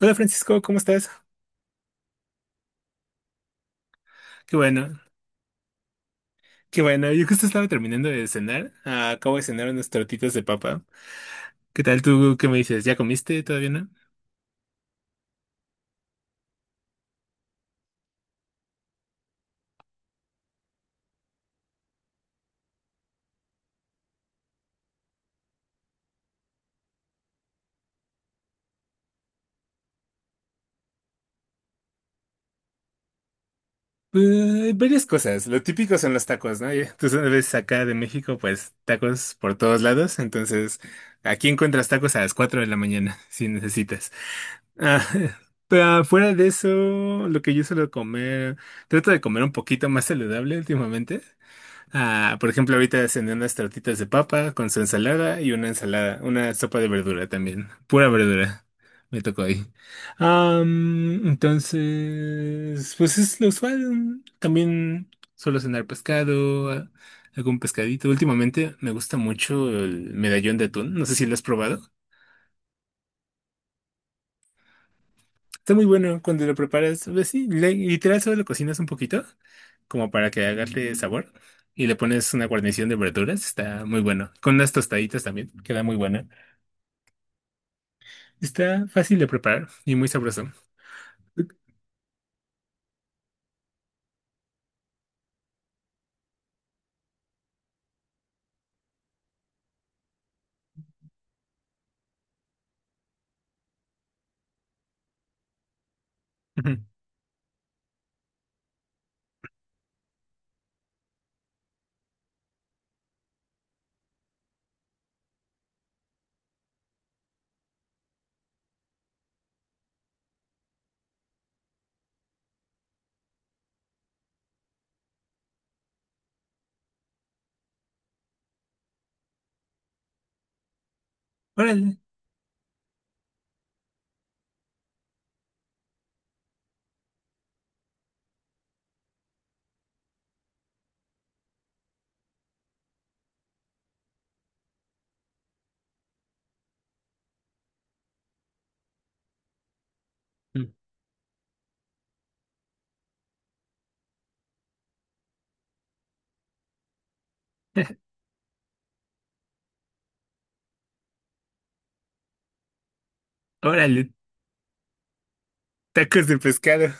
Hola Francisco, ¿cómo estás? Qué bueno, qué bueno. Yo justo estaba terminando de cenar. Acabo de cenar unas tortitas de papa. ¿Qué tal tú? ¿Qué me dices? ¿Ya comiste? ¿Todavía no? Varias cosas, lo típico son los tacos, ¿no? Ya, tú sabes, acá de México, pues tacos por todos lados, entonces aquí encuentras tacos a las 4 de la mañana, si necesitas. Ah, pero fuera de eso, lo que yo suelo comer, trato de comer un poquito más saludable últimamente. Por ejemplo, ahorita descendí unas tortitas de papa con su ensalada y una ensalada, una sopa de verdura también. Pura verdura. Me tocó ahí. Entonces, pues es lo usual. También suelo cenar algún pescadito. Últimamente me gusta mucho el medallón de atún. No sé si lo has probado. Está muy bueno cuando lo preparas, pues sí, literal solo lo cocinas un poquito, como para que agarre sabor, y le pones una guarnición de verduras, está muy bueno. Con unas tostaditas también, queda muy buena. Está fácil de preparar y muy sabroso. Ujú. Órale. Ujú. Órale, tacos de pescado.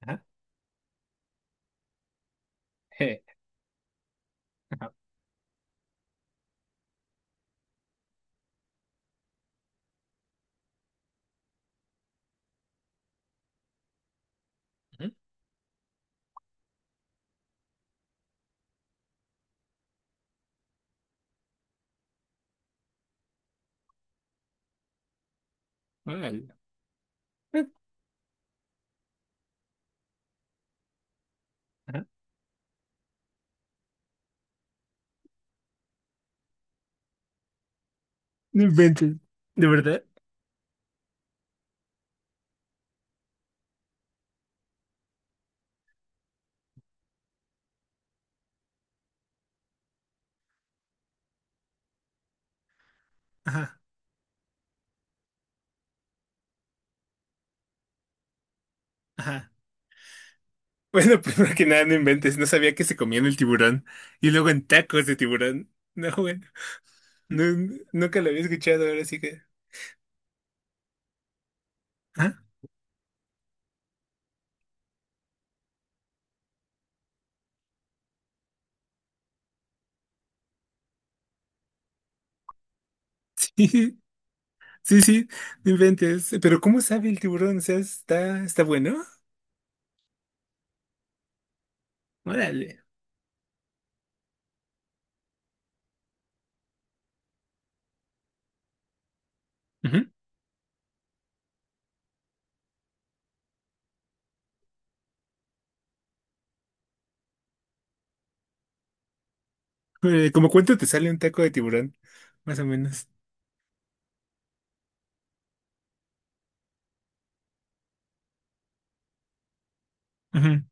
Ajá. Je. Ujú. Órale. Ajá. No inventes. ¿De verdad? Ajá. Ajá. Bueno, primero que nada, no inventes. No sabía que se comían el tiburón. Y luego en tacos de tiburón. No, güey. No, nunca lo había escuchado, ahora sí que. Ah, sí, sí, sí, no inventes. Pero ¿cómo sabe el tiburón? O sea, está, está bueno. Órale. Ujú. ¿Cómo cuánto te sale un taco de tiburón? Más o menos. Ujú,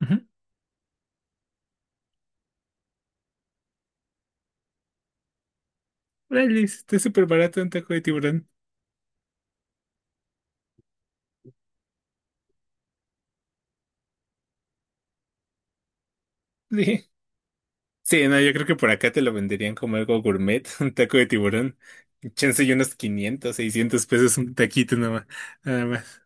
ujú. Órale, está súper barato un taco de tiburón. Sí. Sí, no, yo creo que por acá te lo venderían como algo gourmet, un taco de tiburón. Chance y unos 500 600 pesos un taquito nada más. Nada más.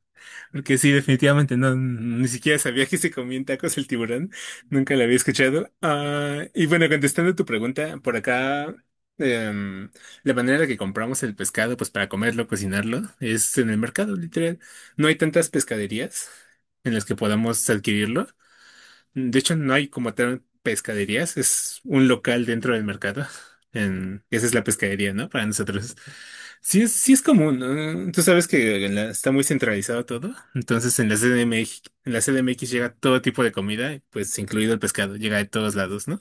Porque sí, definitivamente no, ni siquiera sabía que se comían tacos el tiburón. Nunca la había escuchado. Ah, y bueno, contestando tu pregunta, por acá, em, la manera en la que compramos el pescado, pues para comerlo, cocinarlo, es en el mercado, literal. No hay tantas pescaderías en las que podamos adquirirlo. De hecho, no hay como tal pescaderías, es un local dentro del mercado. En, esa es la pescadería, ¿no? Para nosotros. Sí es común, ¿no? Tú sabes que está muy centralizado todo. Entonces en la CDMX, en la CDMX llega todo tipo de comida, pues incluido el pescado, llega de todos lados, ¿no?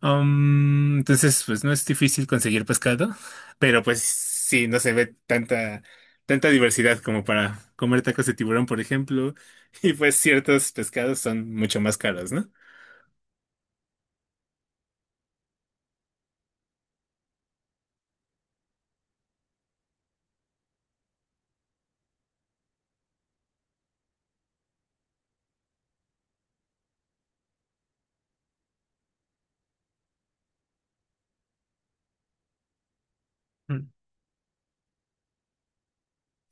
Entonces, pues no es difícil conseguir pescado, pero pues sí, no se ve tanta diversidad como para comer tacos de tiburón, por ejemplo. Y pues ciertos pescados son mucho más caros, ¿no? Mm.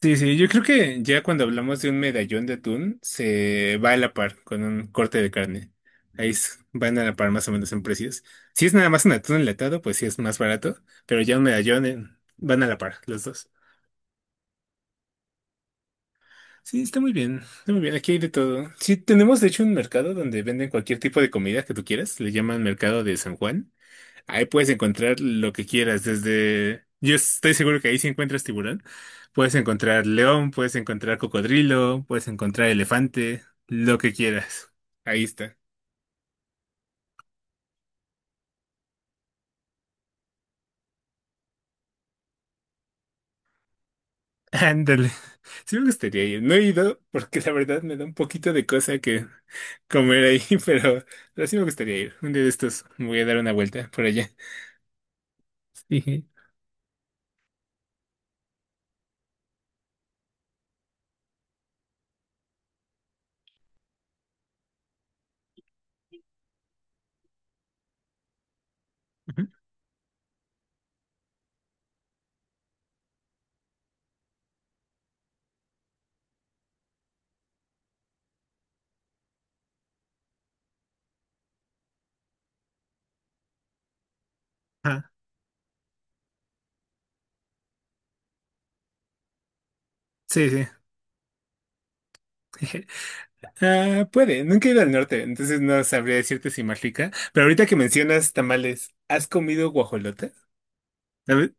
Sí, sí, yo creo que ya cuando hablamos de un medallón de atún, se va a la par con un corte de carne. Van a la par más o menos en precios. Si es nada más un atún enlatado, pues sí es más barato, pero ya un medallón van a la par los dos. Sí, está muy bien, aquí hay de todo. Sí, tenemos de hecho un mercado donde venden cualquier tipo de comida que tú quieras, le llaman Mercado de San Juan. Ahí puedes encontrar lo que quieras, desde... Yo estoy seguro que ahí si encuentras tiburón, puedes encontrar león, puedes encontrar cocodrilo, puedes encontrar elefante, lo que quieras. Ahí está. Ándale. Sí me gustaría ir. No he ido porque la verdad me da un poquito de cosa que comer ahí, pero sí me gustaría ir. Un día de estos me voy a dar una vuelta por allá. Sí. Ujú. Ah, sí, sí. Ah, puede, nunca he ido al norte, entonces no sabría decirte si más rica. Pero ahorita que mencionas tamales, ¿has comido guajolota? ¿Sabes?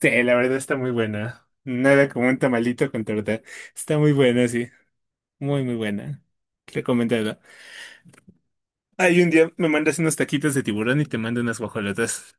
Sí, la verdad está muy buena. Nada como un tamalito con torta. Está muy buena, sí. Muy, muy buena. Recomendada. Ay, un día me mandas unos taquitos de tiburón y te mando unas guajolotas.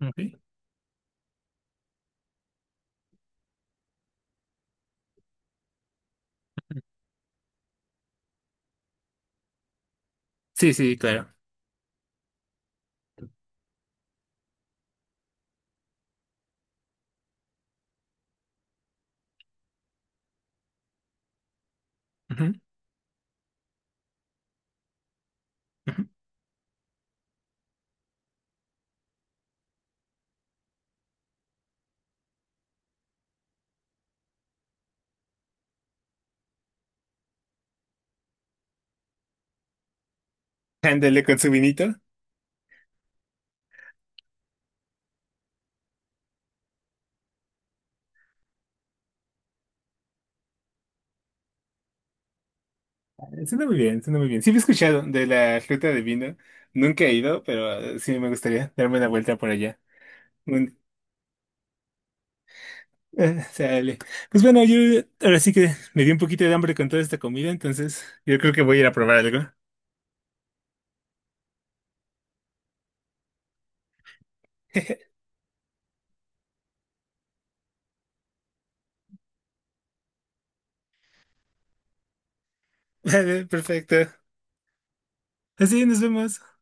Ok. Sí, sí, claro. Ujú, ujú. Ándale con su vinito. Suena muy bien, suena muy bien. Sí, me he escuchado de la ruta de vino. Nunca he ido, pero sí me gustaría darme una vuelta por allá. Sale. Pues bueno, yo ahora sí que me dio un poquito de hambre con toda esta comida, entonces yo creo que voy a ir a probar algo. Vale, perfecto. Así nos vemos.